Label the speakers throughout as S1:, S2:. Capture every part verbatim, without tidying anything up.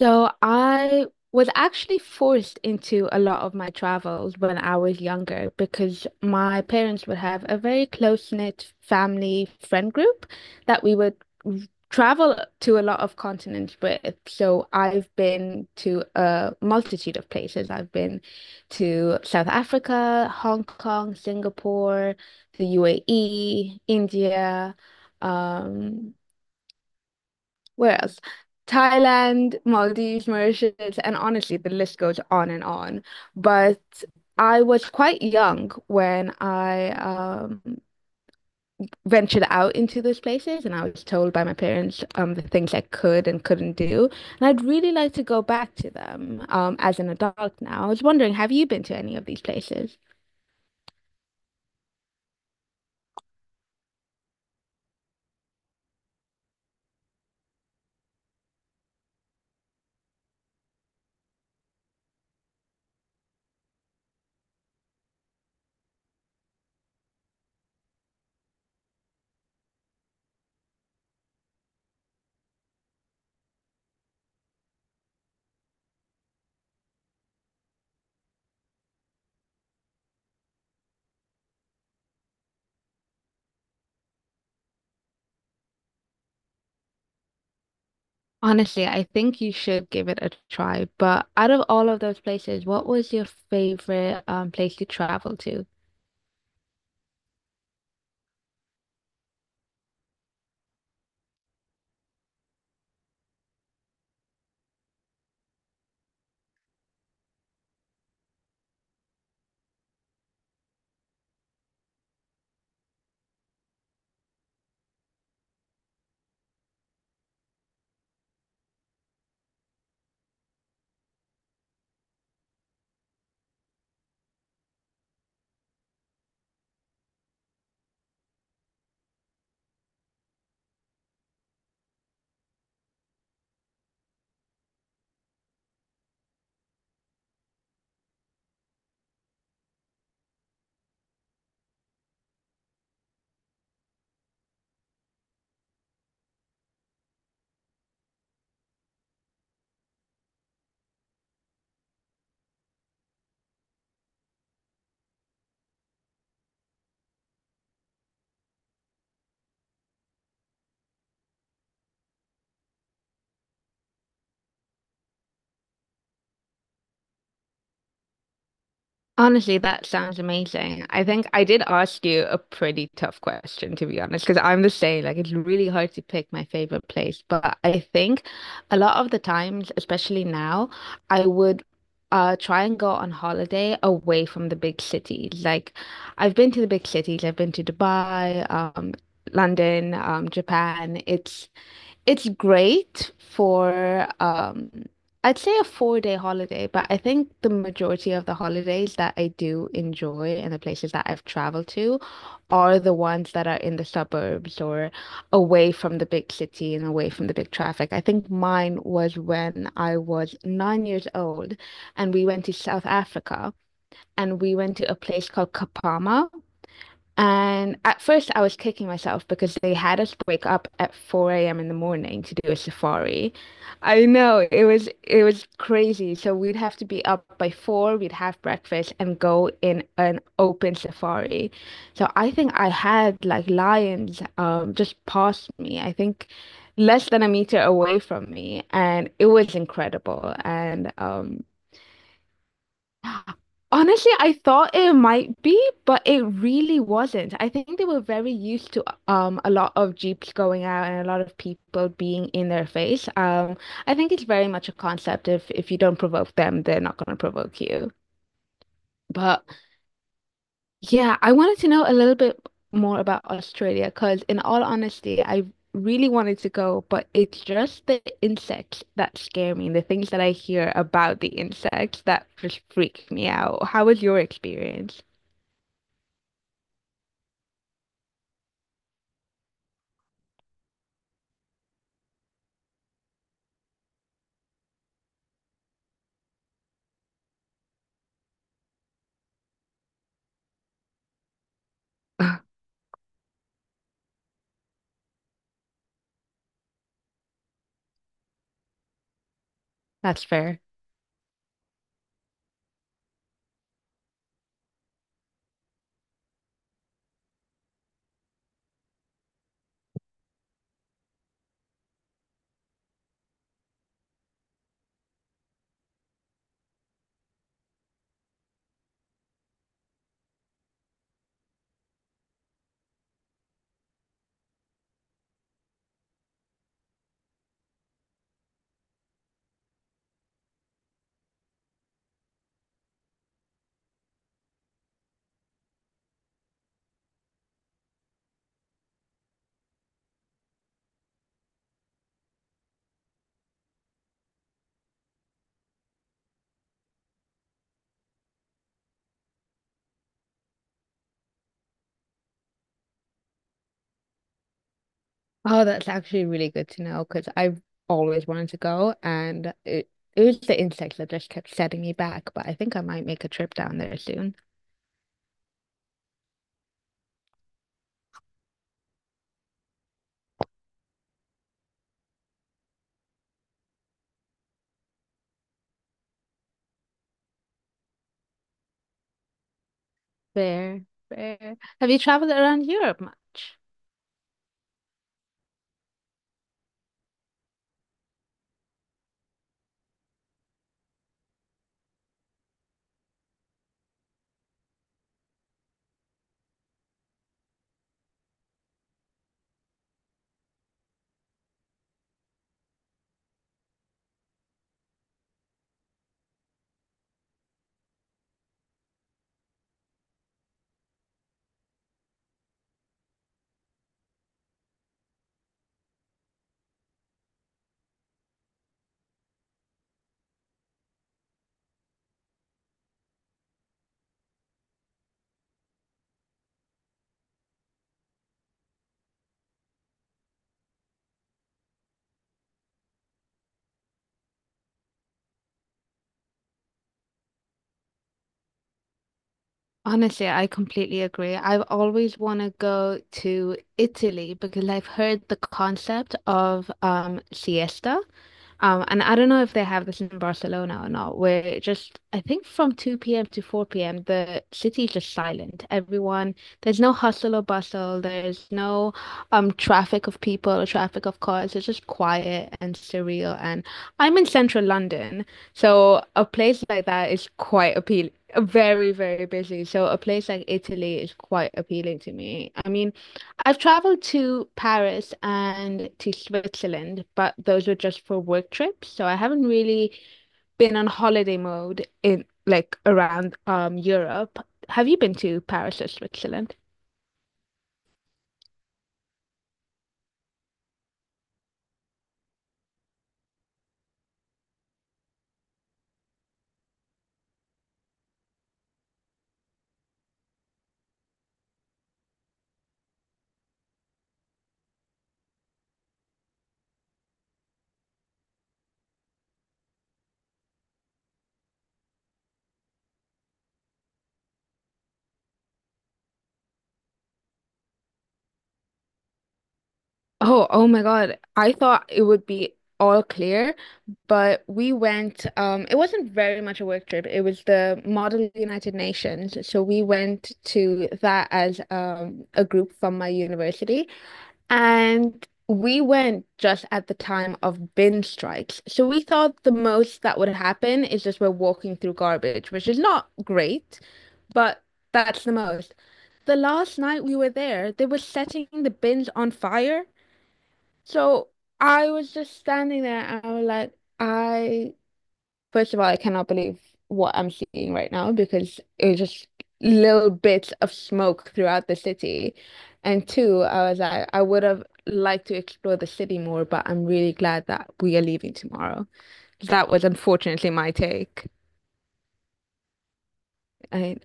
S1: So I was actually forced into a lot of my travels when I was younger because my parents would have a very close-knit family friend group that we would v- travel to a lot of continents with. So I've been to a multitude of places. I've been to South Africa, Hong Kong, Singapore, the U A E, India, um, where else? Thailand, Maldives, Mauritius, and honestly, the list goes on and on. But I was quite young when I um, ventured out into those places, and I was told by my parents um, the things I could and couldn't do. And I'd really like to go back to them um, as an adult now. I was wondering, have you been to any of these places? Honestly, I think you should give it a try. But out of all of those places, what was your favorite um, place you traveled to? Honestly, that sounds amazing. I think I did ask you a pretty tough question, to be honest, because I'm the same. Like, it's really hard to pick my favorite place. But I think a lot of the times, especially now, I would uh, try and go on holiday away from the big cities. Like, I've been to the big cities, I've been to Dubai, um, London, um, Japan. It's it's great for um I'd say a four day holiday, but I think the majority of the holidays that I do enjoy and the places that I've traveled to are the ones that are in the suburbs or away from the big city and away from the big traffic. I think mine was when I was nine years old and we went to South Africa and we went to a place called Kapama, and at first, I was kicking myself because they had us wake up at four a m in the morning to do a safari. I know it was it was crazy. So we'd have to be up by four, we'd have breakfast and go in an open safari. So I think I had like lions um just past me. I think less than a meter away from me, and it was incredible. And um Honestly, I thought it might be, but it really wasn't. I think they were very used to um a lot of Jeeps going out and a lot of people being in their face. Um, I think it's very much a concept, if if you don't provoke them, they're not going to provoke you. But yeah, I wanted to know a little bit more about Australia because, in all honesty, I really wanted to go, but it's just the insects that scare me, the things that I hear about the insects that just freak me out. How was your experience? That's fair. Oh, that's actually really good to know because I've always wanted to go, and it, it was the insects that just kept setting me back, but I think I might make a trip down there soon. Fair, fair. Have you traveled around Europe much? Honestly, I completely agree. I've always want to go to Italy because I've heard the concept of um, siesta. Um, and I don't know if they have this in Barcelona or not, where just I think from two p m to four p m the city is just silent. Everyone, there's no hustle or bustle, there's no um traffic of people or traffic of cars. It's just quiet and surreal. And I'm in central London, so a place like that is quite appealing. Very, very busy. So a place like Italy is quite appealing to me. I mean, I've traveled to Paris and to Switzerland, but those were just for work trips. So I haven't really been on holiday mode in like around um Europe. Have you been to Paris or Switzerland? Oh, oh my God. I thought it would be all clear, but we went, um, it wasn't very much a work trip. It was the Model United Nations. So we went to that as um, a group from my university. And we went just at the time of bin strikes. So we thought the most that would happen is just we're walking through garbage, which is not great, but that's the most. The last night we were there, they were setting the bins on fire. So I was just standing there and I was like, I, first of all, I cannot believe what I'm seeing right now because it was just little bits of smoke throughout the city. And two, I was like, I would have liked to explore the city more, but I'm really glad that we are leaving tomorrow. That was unfortunately my take. I,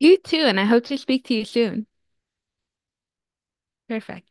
S1: you too, and I hope to speak to you soon. Perfect.